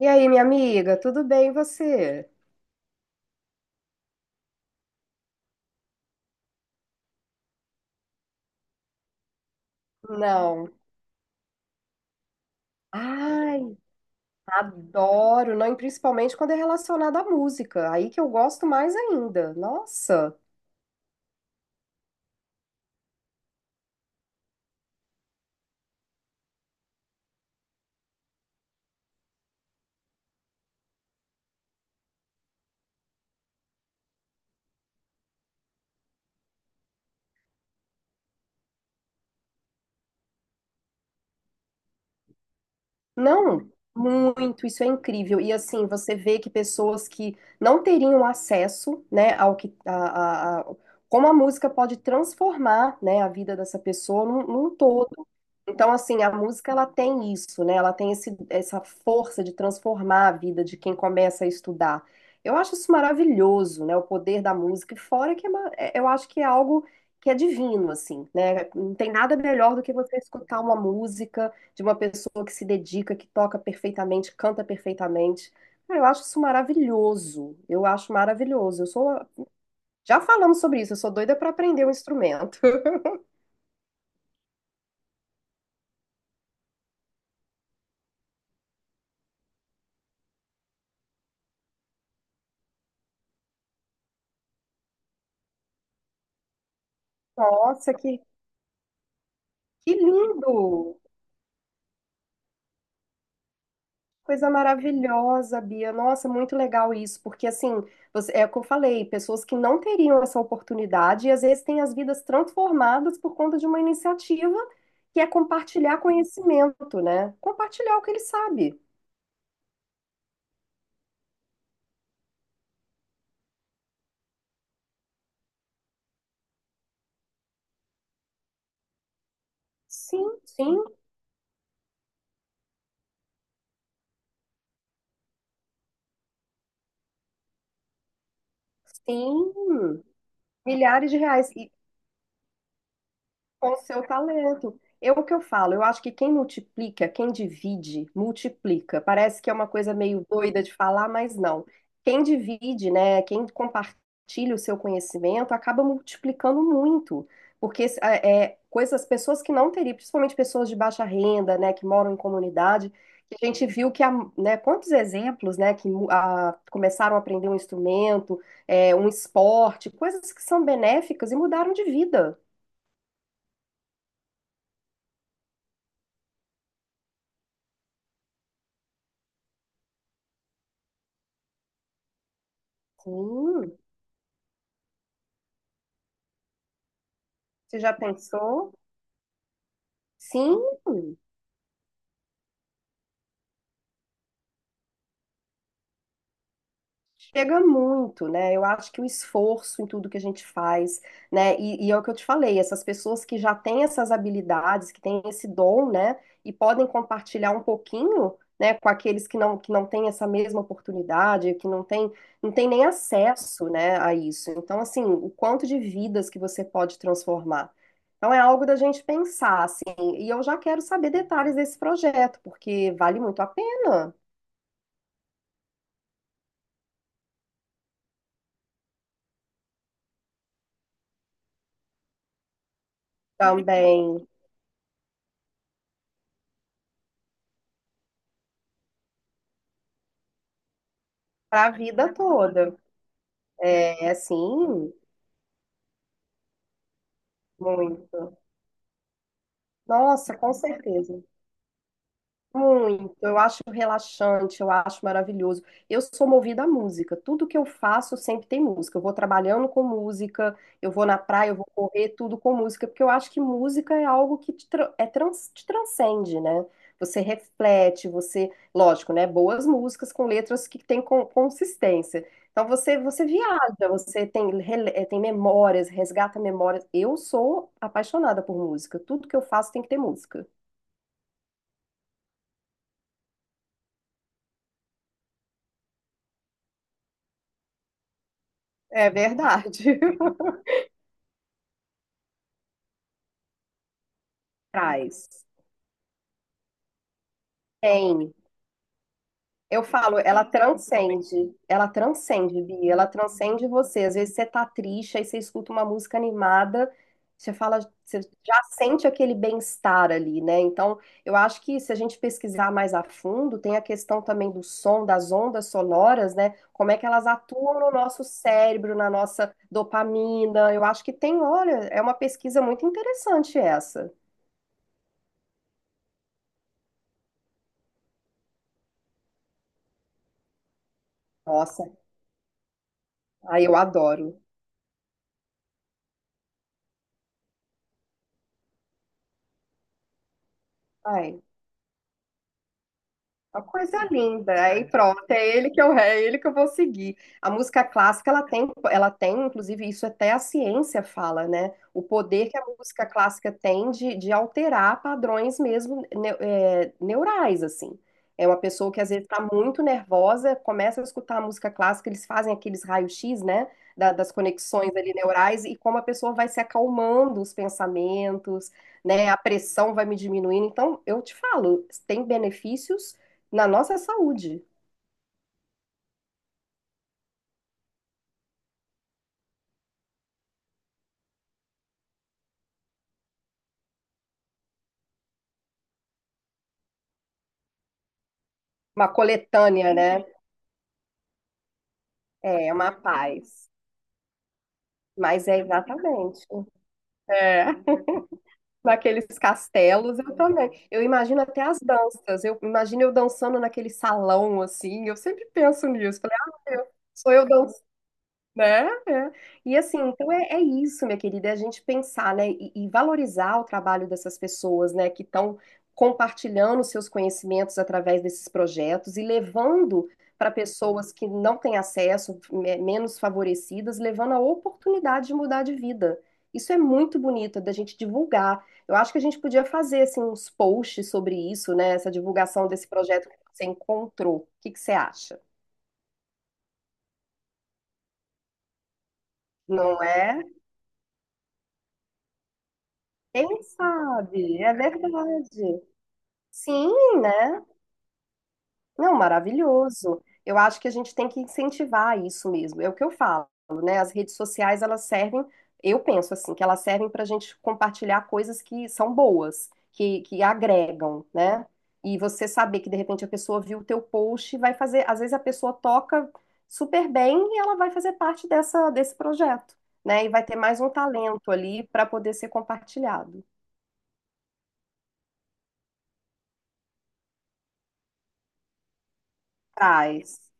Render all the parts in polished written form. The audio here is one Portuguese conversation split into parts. E aí, minha amiga, tudo bem e você? Não. Ai, adoro, não, e principalmente quando é relacionado à música. Aí que eu gosto mais ainda. Nossa. Não, muito, isso é incrível. E assim, você vê que pessoas que não teriam acesso, né, ao que a- como a música pode transformar, né, a vida dessa pessoa num todo. Então, assim, a música ela tem isso, né? Ela tem essa força de transformar a vida de quem começa a estudar. Eu acho isso maravilhoso, né? O poder da música. E fora que eu acho que é algo que é divino, assim, né? Não tem nada melhor do que você escutar uma música de uma pessoa que se dedica, que toca perfeitamente, canta perfeitamente. Cara, eu acho isso maravilhoso. Eu acho maravilhoso. Eu sou, já falamos sobre isso, eu sou doida para aprender um instrumento. Nossa, que lindo! Coisa maravilhosa, Bia. Nossa, muito legal isso, porque assim, você- é o que eu falei, pessoas que não teriam essa oportunidade e às vezes têm as vidas transformadas por conta de uma iniciativa que é compartilhar conhecimento, né? Compartilhar o que ele sabe. Sim, sim. Sim, milhares de reais. E, com o seu talento. Eu, o que eu falo, eu acho que quem multiplica, quem divide, multiplica. Parece que é uma coisa meio doida de falar, mas não. Quem divide, né, quem compartilha o seu conhecimento, acaba multiplicando muito. Porque é, é, coisas, pessoas que não teriam, principalmente pessoas de baixa renda, né, que moram em comunidade, que a gente viu que há, né, quantos exemplos, né, que começaram a aprender um instrumento, é, um esporte, coisas que são benéficas e mudaram de vida. Sim. Você já pensou? Sim, chega muito, né? Eu acho que o esforço em tudo que a gente faz, né? E é o que eu te falei, essas pessoas que já têm essas habilidades, que têm esse dom, né? E podem compartilhar um pouquinho, né? Com aqueles que não têm essa mesma oportunidade, que não têm, não têm nem acesso, né? A isso. Então, assim, o quanto de vidas que você pode transformar. Então, é algo da gente pensar, assim. E eu já quero saber detalhes desse projeto, porque vale muito a pena. Também, para a vida toda. É assim, muito. Nossa, com certeza. Muito, eu acho relaxante, eu acho maravilhoso. Eu sou movida à música, tudo que eu faço sempre tem música. Eu vou trabalhando com música, eu vou na praia, eu vou correr, tudo com música, porque eu acho que música é algo que te transcende, né? Você reflete, você, lógico, né? Boas músicas com letras que têm consistência. Então você, você viaja, você tem, tem memórias, resgata memórias. Eu sou apaixonada por música, tudo que eu faço tem que ter música. É verdade. Traz. Tem. Eu falo, ela transcende. Ela transcende, Bia. Ela transcende você. Às vezes você tá triste, aí você escuta uma música animada, você fala, você já sente aquele bem-estar ali, né? Então, eu acho que se a gente pesquisar mais a fundo, tem a questão também do som, das ondas sonoras, né? Como é que elas atuam no nosso cérebro, na nossa dopamina. Eu acho que tem, olha, é uma pesquisa muito interessante essa. Nossa, aí eu adoro. Ai. Uma coisa linda. Aí pronto, é ele que eu vou seguir. A música clássica, ela tem, inclusive, isso até a ciência fala, né? O poder que a música clássica tem de alterar padrões mesmo neurais, assim. É uma pessoa que às vezes está muito nervosa, começa a escutar a música clássica, eles fazem aqueles raios-x, né? Das conexões ali neurais e como a pessoa vai se acalmando os pensamentos, né? A pressão vai me diminuindo. Então, eu te falo, tem benefícios na nossa saúde. Uma coletânea, né? É, uma paz. Mas é exatamente. É, naqueles castelos eu também. Eu imagino até as danças. Eu imagino eu dançando naquele salão assim. Eu sempre penso nisso. Falei, ah, sou eu. Né? É. E assim, então é isso, minha querida, é a gente pensar, né, e valorizar o trabalho dessas pessoas, né, que estão compartilhando seus conhecimentos através desses projetos e levando para pessoas que não têm acesso, menos favorecidas, levando a oportunidade de mudar de vida. Isso é muito bonito da gente divulgar. Eu acho que a gente podia fazer assim uns posts sobre isso, né, essa divulgação desse projeto que você encontrou. O que que você acha? Não é? Quem sabe? É verdade. Sim, né? Não, maravilhoso. Eu acho que a gente tem que incentivar isso mesmo. É o que eu falo, né? As redes sociais, elas servem, eu penso assim, que elas servem para a gente compartilhar coisas que são boas, que agregam, né? E você saber que de repente a pessoa viu o teu post e vai fazer, às vezes a pessoa toca super bem e ela vai fazer parte desse projeto, né? E vai ter mais um talento ali para poder ser compartilhado. Traz.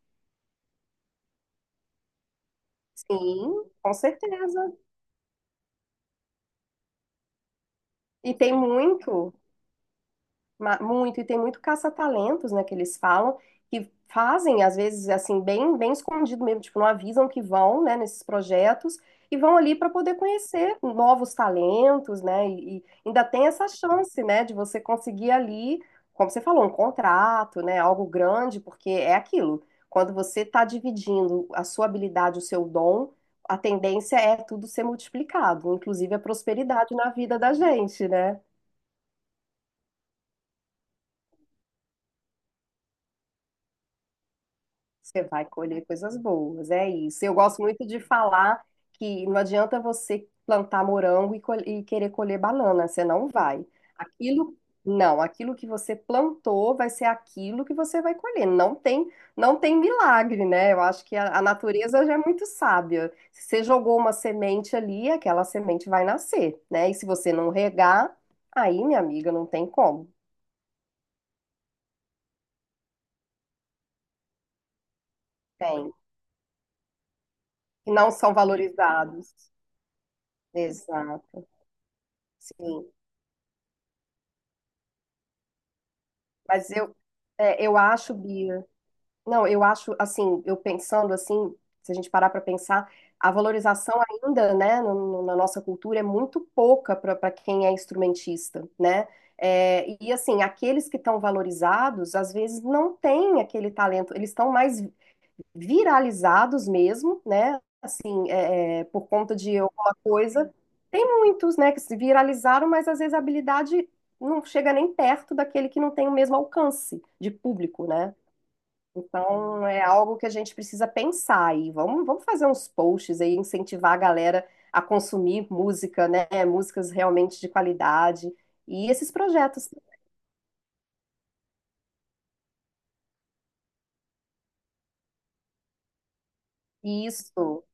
Sim, com certeza. E tem muito, Muito, e tem muito caça-talentos, né, que eles falam, que fazem, às vezes, assim, bem, bem escondido mesmo, tipo, não avisam que vão, né, nesses projetos, e vão ali para poder conhecer novos talentos, né, e ainda tem essa chance, né, de você conseguir ali, como você falou, um contrato, né, algo grande, porque é aquilo, quando você está dividindo a sua habilidade, o seu dom, a tendência é tudo ser multiplicado, inclusive a prosperidade na vida da gente, né? Você vai colher coisas boas, é isso. Eu gosto muito de falar que não adianta você plantar morango e querer colher banana, você não vai. Aquilo, não, aquilo que você plantou vai ser aquilo que você vai colher. Não tem, não tem milagre, né? Eu acho que a natureza já é muito sábia. Se você jogou uma semente ali, aquela semente vai nascer, né? E se você não regar, aí, minha amiga, não tem como. Tem. E não são valorizados. Exato. Sim. Mas eu, é, eu acho, Bia. Não, eu acho, assim, eu pensando assim, se a gente parar para pensar, a valorização ainda, né, na nossa cultura é muito pouca para quem é instrumentista, né? É, e assim, aqueles que estão valorizados, às vezes não têm aquele talento, eles estão mais viralizados mesmo, né? Assim, é, por conta de alguma coisa. Tem muitos, né, que se viralizaram, mas às vezes a habilidade não chega nem perto daquele que não tem o mesmo alcance de público, né? Então, é algo que a gente precisa pensar aí. Vamos fazer uns posts aí, incentivar a galera a consumir música, né? Músicas realmente de qualidade. E esses projetos. Isso.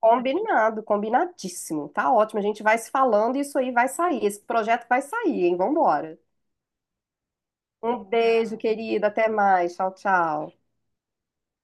Combinado, combinadíssimo. Tá ótimo. A gente vai se falando e isso aí vai sair. Esse projeto vai sair, hein? Vambora. Um beijo, querida. Até mais. Tchau, tchau.